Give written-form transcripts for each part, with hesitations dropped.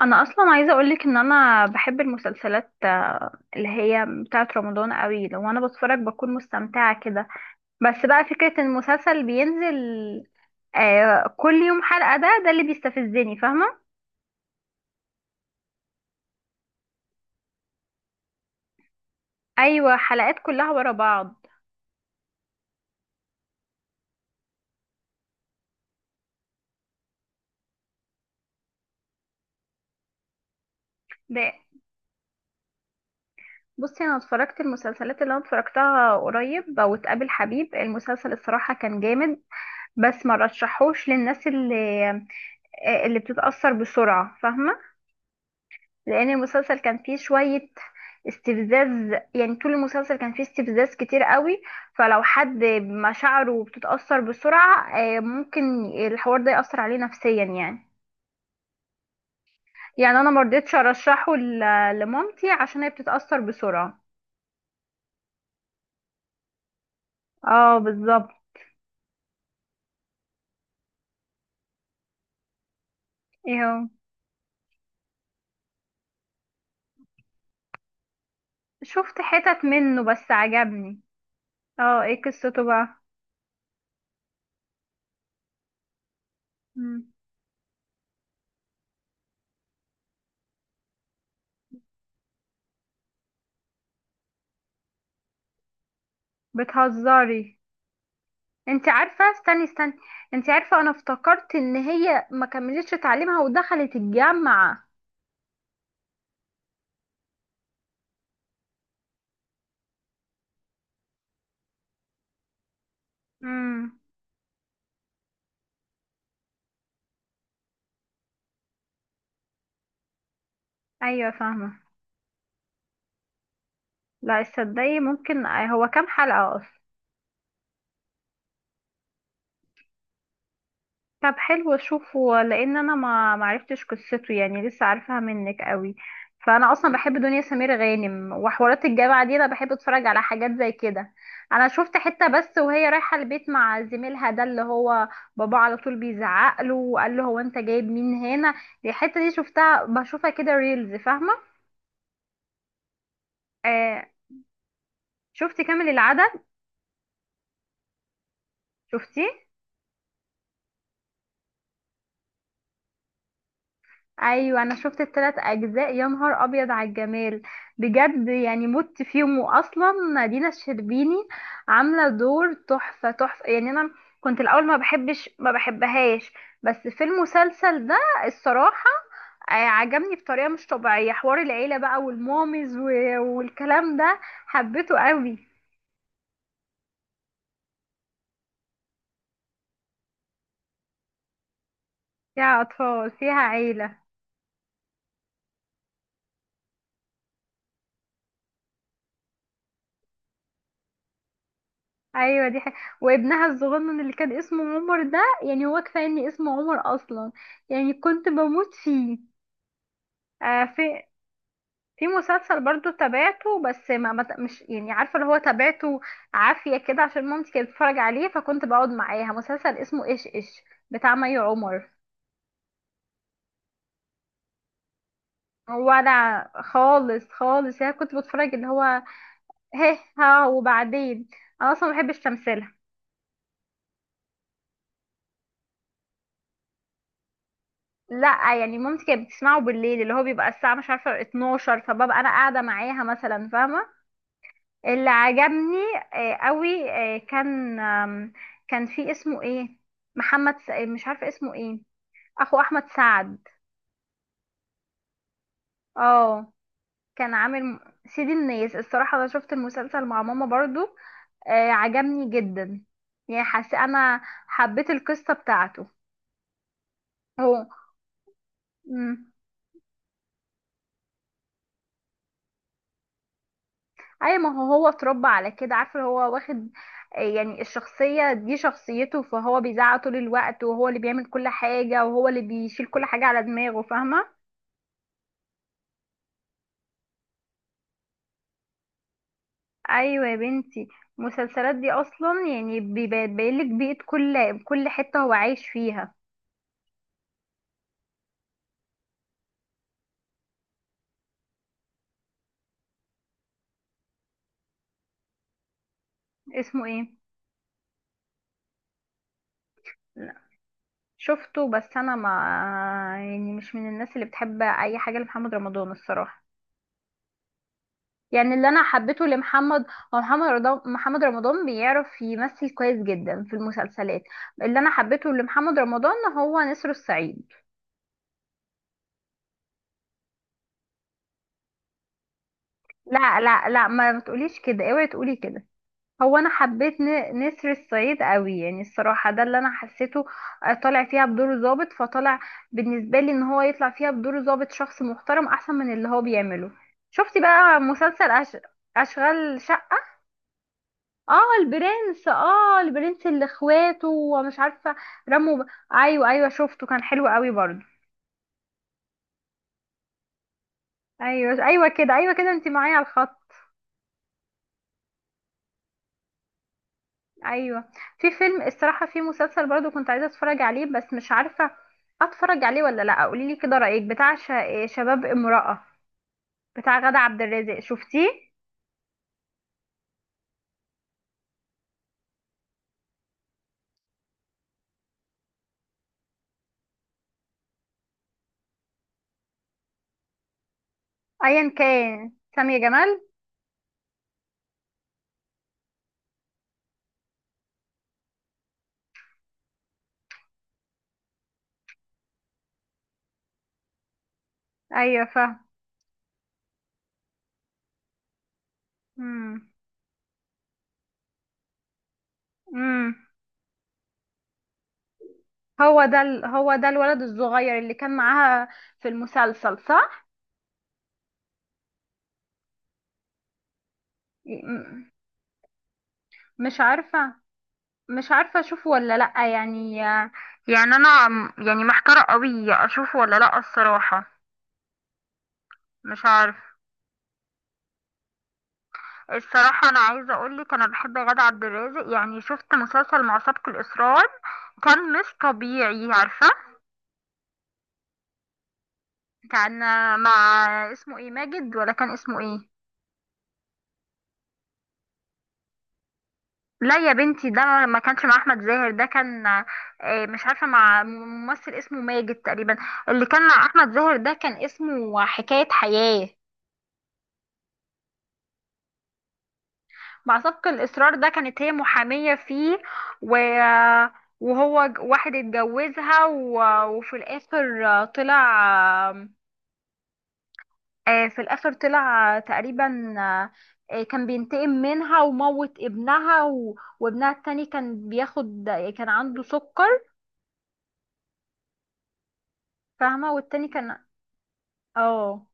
انا اصلا عايزه اقولك ان انا بحب المسلسلات، اللي هي بتاعه رمضان قوي. لو انا بتفرج بكون مستمتعه كده. بس بقى فكره ان المسلسل بينزل كل يوم حلقه، ده اللي بيستفزني، فاهمه؟ ايوه، حلقات كلها ورا بعض. ده بصي، انا اتفرجت المسلسلات اللي انا اتفرجتها قريب، واتقابل حبيب المسلسل الصراحه كان جامد. بس ما رشحوش للناس اللي اللي بتتاثر بسرعه، فاهمه؟ لان المسلسل كان فيه شوية استفزاز، يعني طول المسلسل كان فيه استفزاز كتير قوي. فلو حد مشاعره بتتأثر بسرعة ممكن الحوار ده يأثر عليه نفسيا يعني. يعني انا مرضتش ارشحه لمامتي عشان هي بتتأثر بسرعة. اه، بالظبط. ايه هو؟ شفت حتت منه بس عجبني. اه، ايه قصته بقى؟ مم. بتهزري؟ انت عارفة؟ استني استني، انت عارفة انا افتكرت ان هي ما كملتش تعليمها ودخلت الجامعة. امم، ايوه، فاهمة. لا تصدقي، ممكن هو كام حلقة؟ طب حلو اشوفه، لان انا ما معرفتش قصته يعني، لسه عارفاها منك قوي. فانا اصلا بحب دنيا سمير غانم، وحوارات الجامعه دي انا بحب اتفرج على حاجات زي كده. انا شفت حته بس وهي رايحه البيت مع زميلها، ده اللي هو بابا على طول بيزعق له وقال له، هو انت جايب مين هنا؟ دي الحته دي شفتها، بشوفها كده ريلز، فاهمه؟ آه. شفت كامل العدد؟ شفتيه؟ ايوه، انا شفت الثلاث اجزاء، يا نهار ابيض على الجمال! بجد يعني مت فيهم. واصلا دينا الشربيني عامله دور تحفه تحفه، يعني انا كنت الاول ما بحبش ما بحبهاش، بس في المسلسل ده الصراحه عجبني بطريقه مش طبيعيه. حوار العيله بقى والمامز والكلام ده، حبيته قوي. فيها اطفال، فيها عيله. ايوه، دي حاجة. وابنها الصغنن اللي كان اسمه عمر ده، يعني هو كفايه ان اسمه عمر اصلا، يعني كنت بموت فيه. آه في في مسلسل برضو تابعته، بس مش يعني عارفه. اللي هو تابعته عافيه كده عشان مامتي كانت بتتفرج عليه، فكنت بقعد معاها. مسلسل اسمه ايش ايش، بتاع مي عمر. ولا خالص خالص، يعني كنت بتفرج اللي هو هه ها وبعدين. انا اصلا ما بحبش تمثيلها. لا، يعني مامتي كانت بتسمعه بالليل، اللي هو بيبقى الساعة مش عارفة 12، فببقى أنا قاعدة معاها مثلا، فاهمة؟ اللي عجبني قوي كان في اسمه ايه؟ محمد س... آه، مش عارفة اسمه ايه. أخو أحمد سعد. اه. كان عامل م- سيد الناس. الصراحة أنا شفت المسلسل مع ماما برضو، عجبني جدا. يعني حاسة أنا حبيت القصة بتاعته. هو اي ما هو اتربى على كده، عارفه؟ هو واخد يعني الشخصيه دي شخصيته، فهو بيزعق طول الوقت، وهو اللي بيعمل كل حاجه، وهو اللي بيشيل كل حاجه على دماغه، فاهمه؟ ايوه يا بنتي، المسلسلات دي اصلا يعني بيبين لك بيئه كل حته هو عايش فيها. اسمه ايه؟ لا، شفته بس انا ما، يعني مش من الناس اللي بتحب اي حاجه لمحمد رمضان الصراحه. يعني اللي انا حبيته لمحمد هو محمد رمضان بيعرف يمثل كويس جدا في المسلسلات. اللي انا حبيته لمحمد رمضان هو نسر الصعيد. لا لا لا، ما تقوليش كده، اوعي تقولي كده. هو انا حبيت نسر الصعيد قوي، يعني الصراحه ده اللي انا حسيته. طالع فيها بدور ظابط، فطالع بالنسبه لي ان هو يطلع فيها بدور ظابط شخص محترم احسن من اللي هو بيعمله. شفتي بقى مسلسل اشغال شقه؟ اه البرنس اللي اخواته ومش عارفه رموا ب... ايوه ايوه، شفته، كان حلو قوي برضو. ايوه ايوه كده، ايوه كده، انت معايا على الخط؟ ايوه. في فيلم الصراحه في مسلسل برضو كنت عايزه اتفرج عليه، بس مش عارفه اتفرج عليه ولا لا. قولي لي كده رايك، بتاع شباب امراه، بتاع غادة عبد الرازق، شفتيه؟ ايا كان، سامية جمال. ايوه فاهم. امم امم هو ده هو ده الولد الصغير اللي كان معاها في المسلسل؟ صح. مش عارفة مش عارفة اشوفه ولا لأ يعني. يعني انا يعني محتارة قوي اشوفه ولا لأ الصراحة. مش عارف. الصراحة أنا عايزة أقولك أنا بحب غادة عبد الرازق، يعني شفت مسلسل مع سابق الإصرار، كان مش طبيعي، عارفة؟ كان مع اسمه ايه؟ ماجد ولا كان اسمه ايه؟ لا يا بنتي، ده ما كانش مع أحمد زاهر، ده كان مش عارفة، مع ممثل اسمه ماجد تقريبا. اللي كان مع أحمد زاهر ده كان اسمه حكاية حياة. مع سبق الإصرار ده كانت هي محامية فيه. و... وهو واحد اتجوزها وفي الآخر طلع تقريبا، كان بينتقم منها، وموت ابنها، وابنها التاني كان بياخد، كان عنده سكر، فاهمة؟ والتاني اه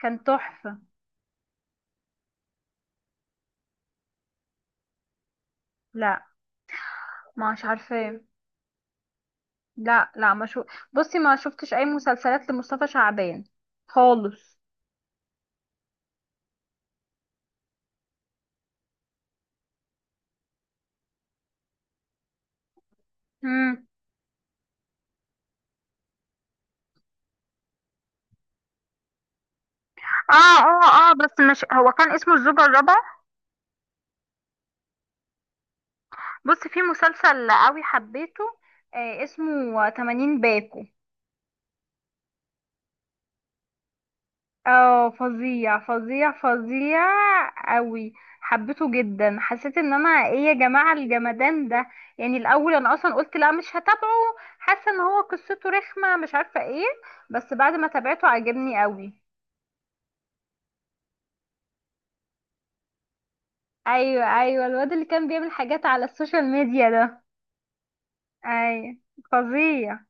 كان تحفة. لا، مش عارفة. لا لا ما شو بصي، ما شفتش أي مسلسلات لمصطفى شعبان خالص. مم. اه اه اه، بس مش هو كان اسمه الزوجة الرابعة؟ بص، في مسلسل قوي حبيته، اسمه 80 باكو. اه، فظيع فظيع فظيع قوي، حبيته جدا. حسيت ان انا، ايه يا جماعة الجمدان ده، يعني الاول انا اصلا قلت لا مش هتابعه، حاسة ان هو قصته رخمة، مش عارفة ايه. بس بعد ما تابعته عجبني قوي. ايوه ايوه، الواد اللي كان بيعمل حاجات على السوشيال ميديا ده. ايوه، فظيع.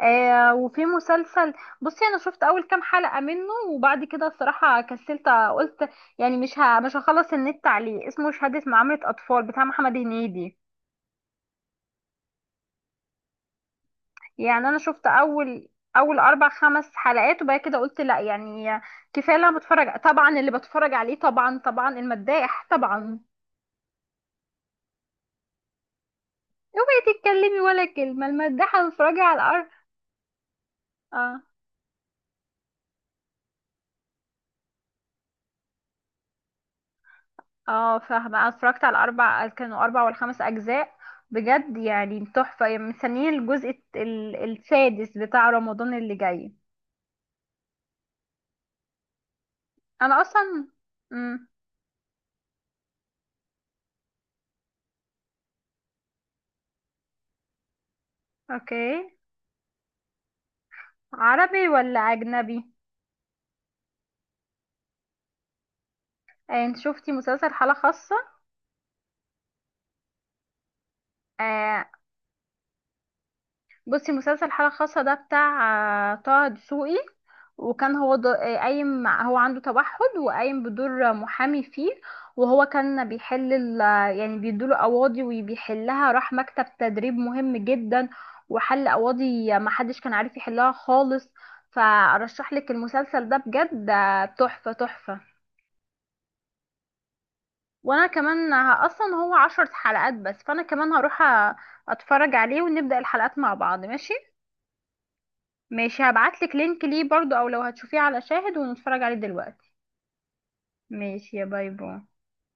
وفي مسلسل، بصي انا شفت اول كام حلقة منه، وبعد كده الصراحة كسلت قلت، يعني مش مش هخلص النت عليه. اسمه شهادة معاملة اطفال، بتاع محمد هنيدي. يعني انا شفت اول اربع خمس حلقات، وبعد كده قلت لا يعني كفاية. اللي انا بتفرج، طبعا اللي بتفرج عليه طبعا، طبعا المداح طبعا. اوعي تتكلمي ولا كلمة، المداحة بتتفرجي على الارض. آه. اه فاهمة. انا اتفرجت على اربع، كانوا اربع ولا خمس اجزاء. بجد يعني تحفة، يعني مستنيين الجزء السادس بتاع رمضان اللي جاي. انا اصلا. امم. اوكي. عربي ولا اجنبي؟ انت شفتي مسلسل حالة خاصة؟ آه بصي، مسلسل حالة خاصة ده بتاع طه دسوقي. وكان هو ض- آه، قايم مع- هو عنده توحد، وقايم بدور محامي فيه. وهو كان بيحل يعني بيدوله قواضي وبيحلها. راح مكتب تدريب مهم جدا، وحل قواضي ما حدش كان عارف يحلها خالص. فارشح لك المسلسل ده بجد، تحفة تحفة. وانا كمان اصلا هو 10 حلقات بس، فانا كمان هروح اتفرج عليه، ونبدأ الحلقات مع بعض، ماشي؟ ماشي، هبعتلك لينك ليه برضو، او لو هتشوفيه على شاهد ونتفرج عليه دلوقتي. ماشي يا، باي باي.